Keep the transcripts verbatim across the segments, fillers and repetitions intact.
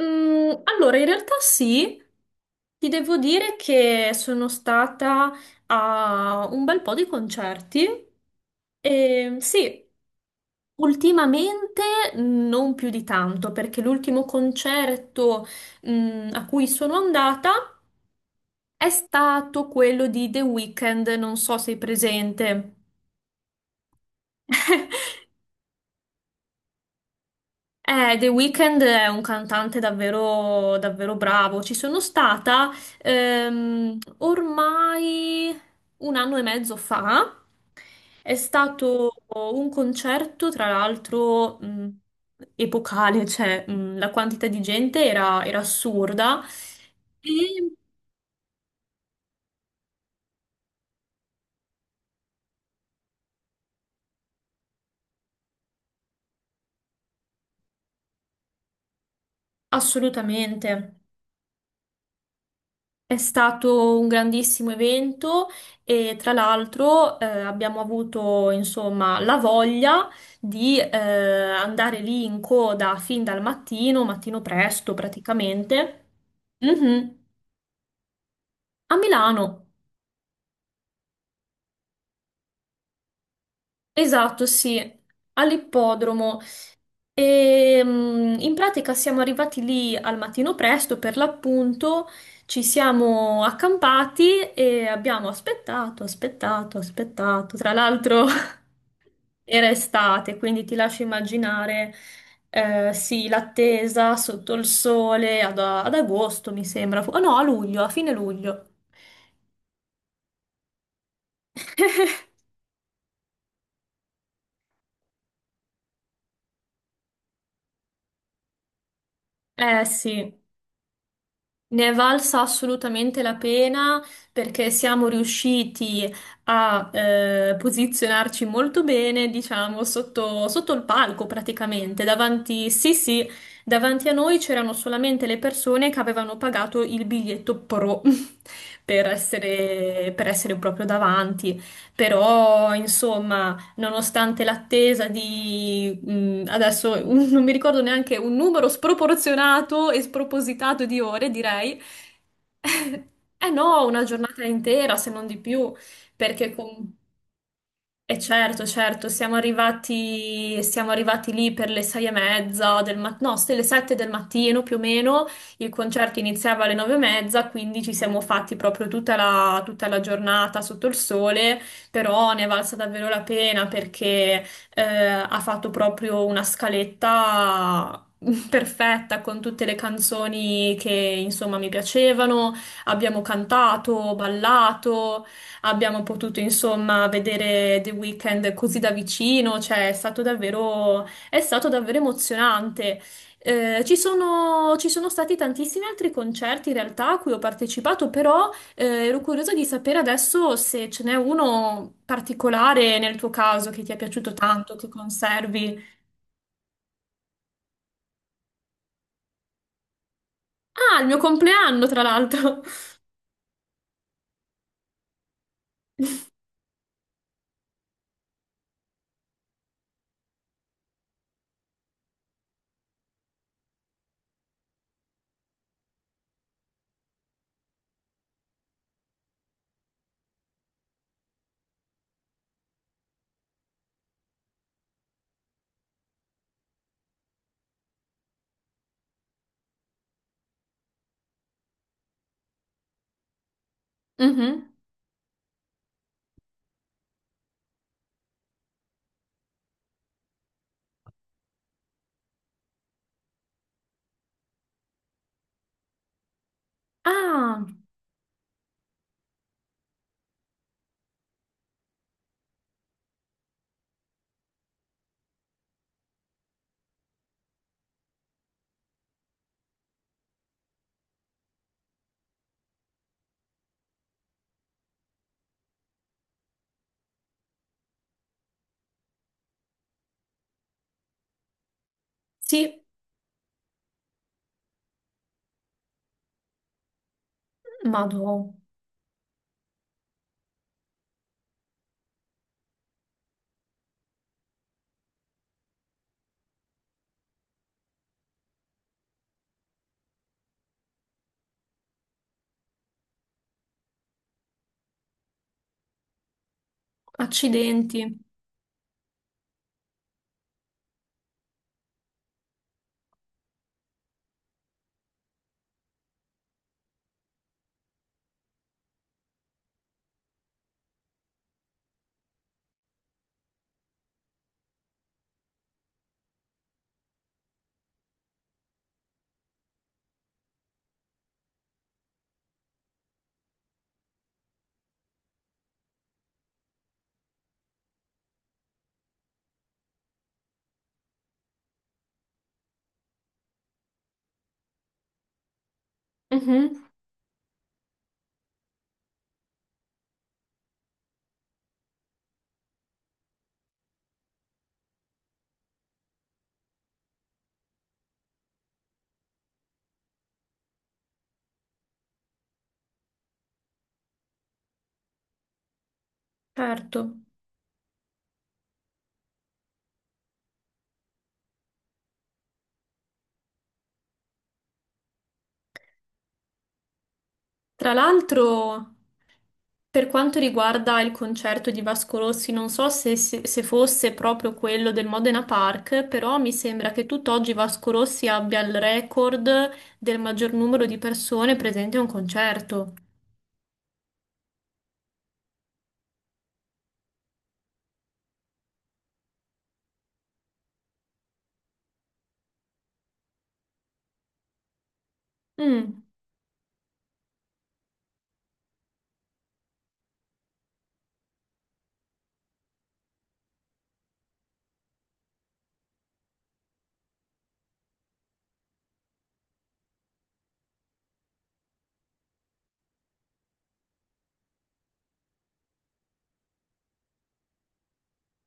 Mm, allora, in realtà sì, ti devo dire che sono stata a un bel po' di concerti e sì, ultimamente non più di tanto, perché l'ultimo concerto, mm, a cui sono andata è stato quello di The Weeknd, non so se sei presente. Eh, The Weeknd è un cantante davvero, davvero bravo. Ci sono stata ehm, ormai un anno e mezzo fa. È stato un concerto, tra l'altro, mh, epocale, cioè mh, la quantità di gente era, era assurda. E assolutamente. È stato un grandissimo evento e tra l'altro eh, abbiamo avuto insomma la voglia di eh, andare lì in coda fin dal mattino, mattino presto praticamente. Mhm. A Milano, esatto, sì, all'ippodromo. E mm, in pratica siamo arrivati lì al mattino presto, per l'appunto, ci siamo accampati e abbiamo aspettato, aspettato, aspettato. Tra l'altro era estate, quindi ti lascio immaginare, eh, sì, l'attesa sotto il sole ad, ad agosto, mi sembra. Oh no, a luglio, a fine luglio. Eh sì. Ne è valsa assolutamente la pena perché siamo riusciti a eh, posizionarci molto bene, diciamo, sotto, sotto il palco praticamente. Davanti, sì, sì, davanti a noi c'erano solamente le persone che avevano pagato il biglietto pro per essere, per essere proprio davanti. Però, insomma nonostante l'attesa di, mh, adesso un- non mi ricordo neanche un numero sproporzionato e spropositato di ore, direi. Eh no, una giornata intera, se non di più, perché com- e certo, certo, siamo arrivati, siamo arrivati lì per le sei e mezza del mattino, no, le sette del mattino più o meno, il concerto iniziava alle nove e mezza, quindi ci siamo fatti proprio tutta la, tutta la giornata sotto il sole, però ne è valsa davvero la pena perché eh, ha fatto proprio una scaletta perfetta con tutte le canzoni che insomma mi piacevano, abbiamo cantato, ballato. Abbiamo potuto insomma vedere The Weeknd così da vicino, cioè è stato davvero, è stato davvero emozionante. Eh, ci sono, ci sono stati tantissimi altri concerti in realtà a cui ho partecipato, però eh, ero curiosa di sapere adesso se ce n'è uno particolare nel tuo caso che ti è piaciuto tanto, che conservi. Ah, il mio compleanno, tra l'altro. Mhm. Ah, sì, madò, accidenti. Mhm. Certo. Tra l'altro, per quanto riguarda il concerto di Vasco Rossi, non so se, se- se fosse proprio quello del Modena Park, però mi sembra che tutt'oggi Vasco Rossi abbia il record del maggior numero di persone presenti a un concerto. Mm.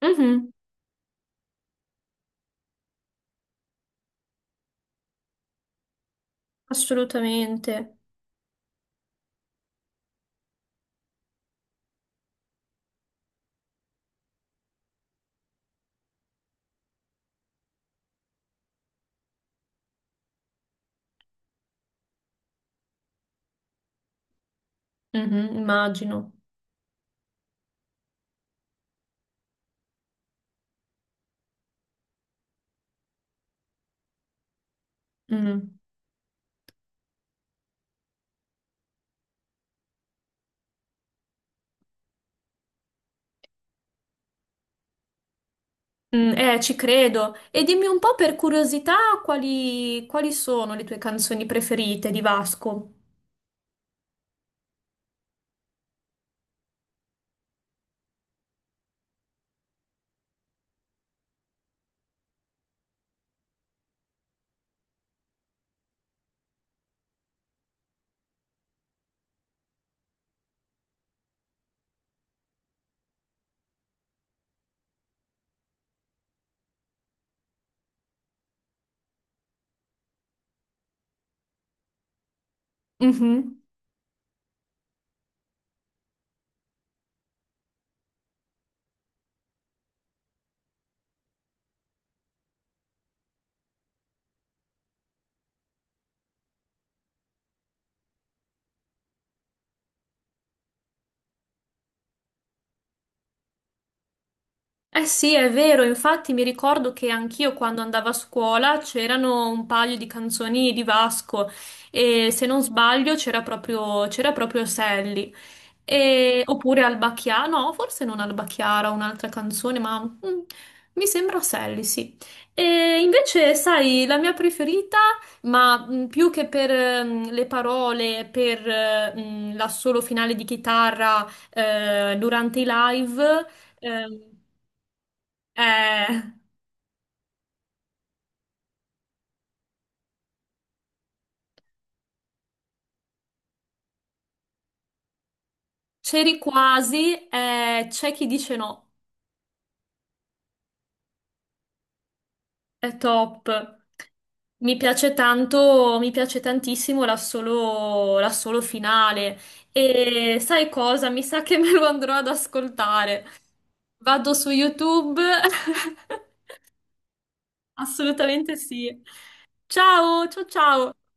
Mhm. Assolutamente. Mhm, immagino. Mm. Mm, eh, ci credo. E dimmi un po' per curiosità quali, quali sono le tue canzoni preferite di Vasco? Mhm. Eh sì, è vero, infatti mi ricordo che anch'io quando andavo a scuola c'erano un paio di canzoni di Vasco e se non sbaglio c'era proprio, c'era proprio Sally. E- oppure Albacchiara, no, forse non Albacchiara, un'altra canzone, ma mm, mi sembra Sally, sì. E invece, sai, la mia preferita, ma mm, più che per mm, le parole, per eh, mm, l'assolo finale di chitarra eh, durante i live. ehm, eh, C'eri quasi, eh, c'è chi dice no, è top. Mi piace tanto, mi piace tantissimo l'assolo l'assolo finale. E sai cosa? Mi sa che me lo andrò ad ascoltare. Vado su YouTube. Assolutamente sì. Ciao, ciao, ciao.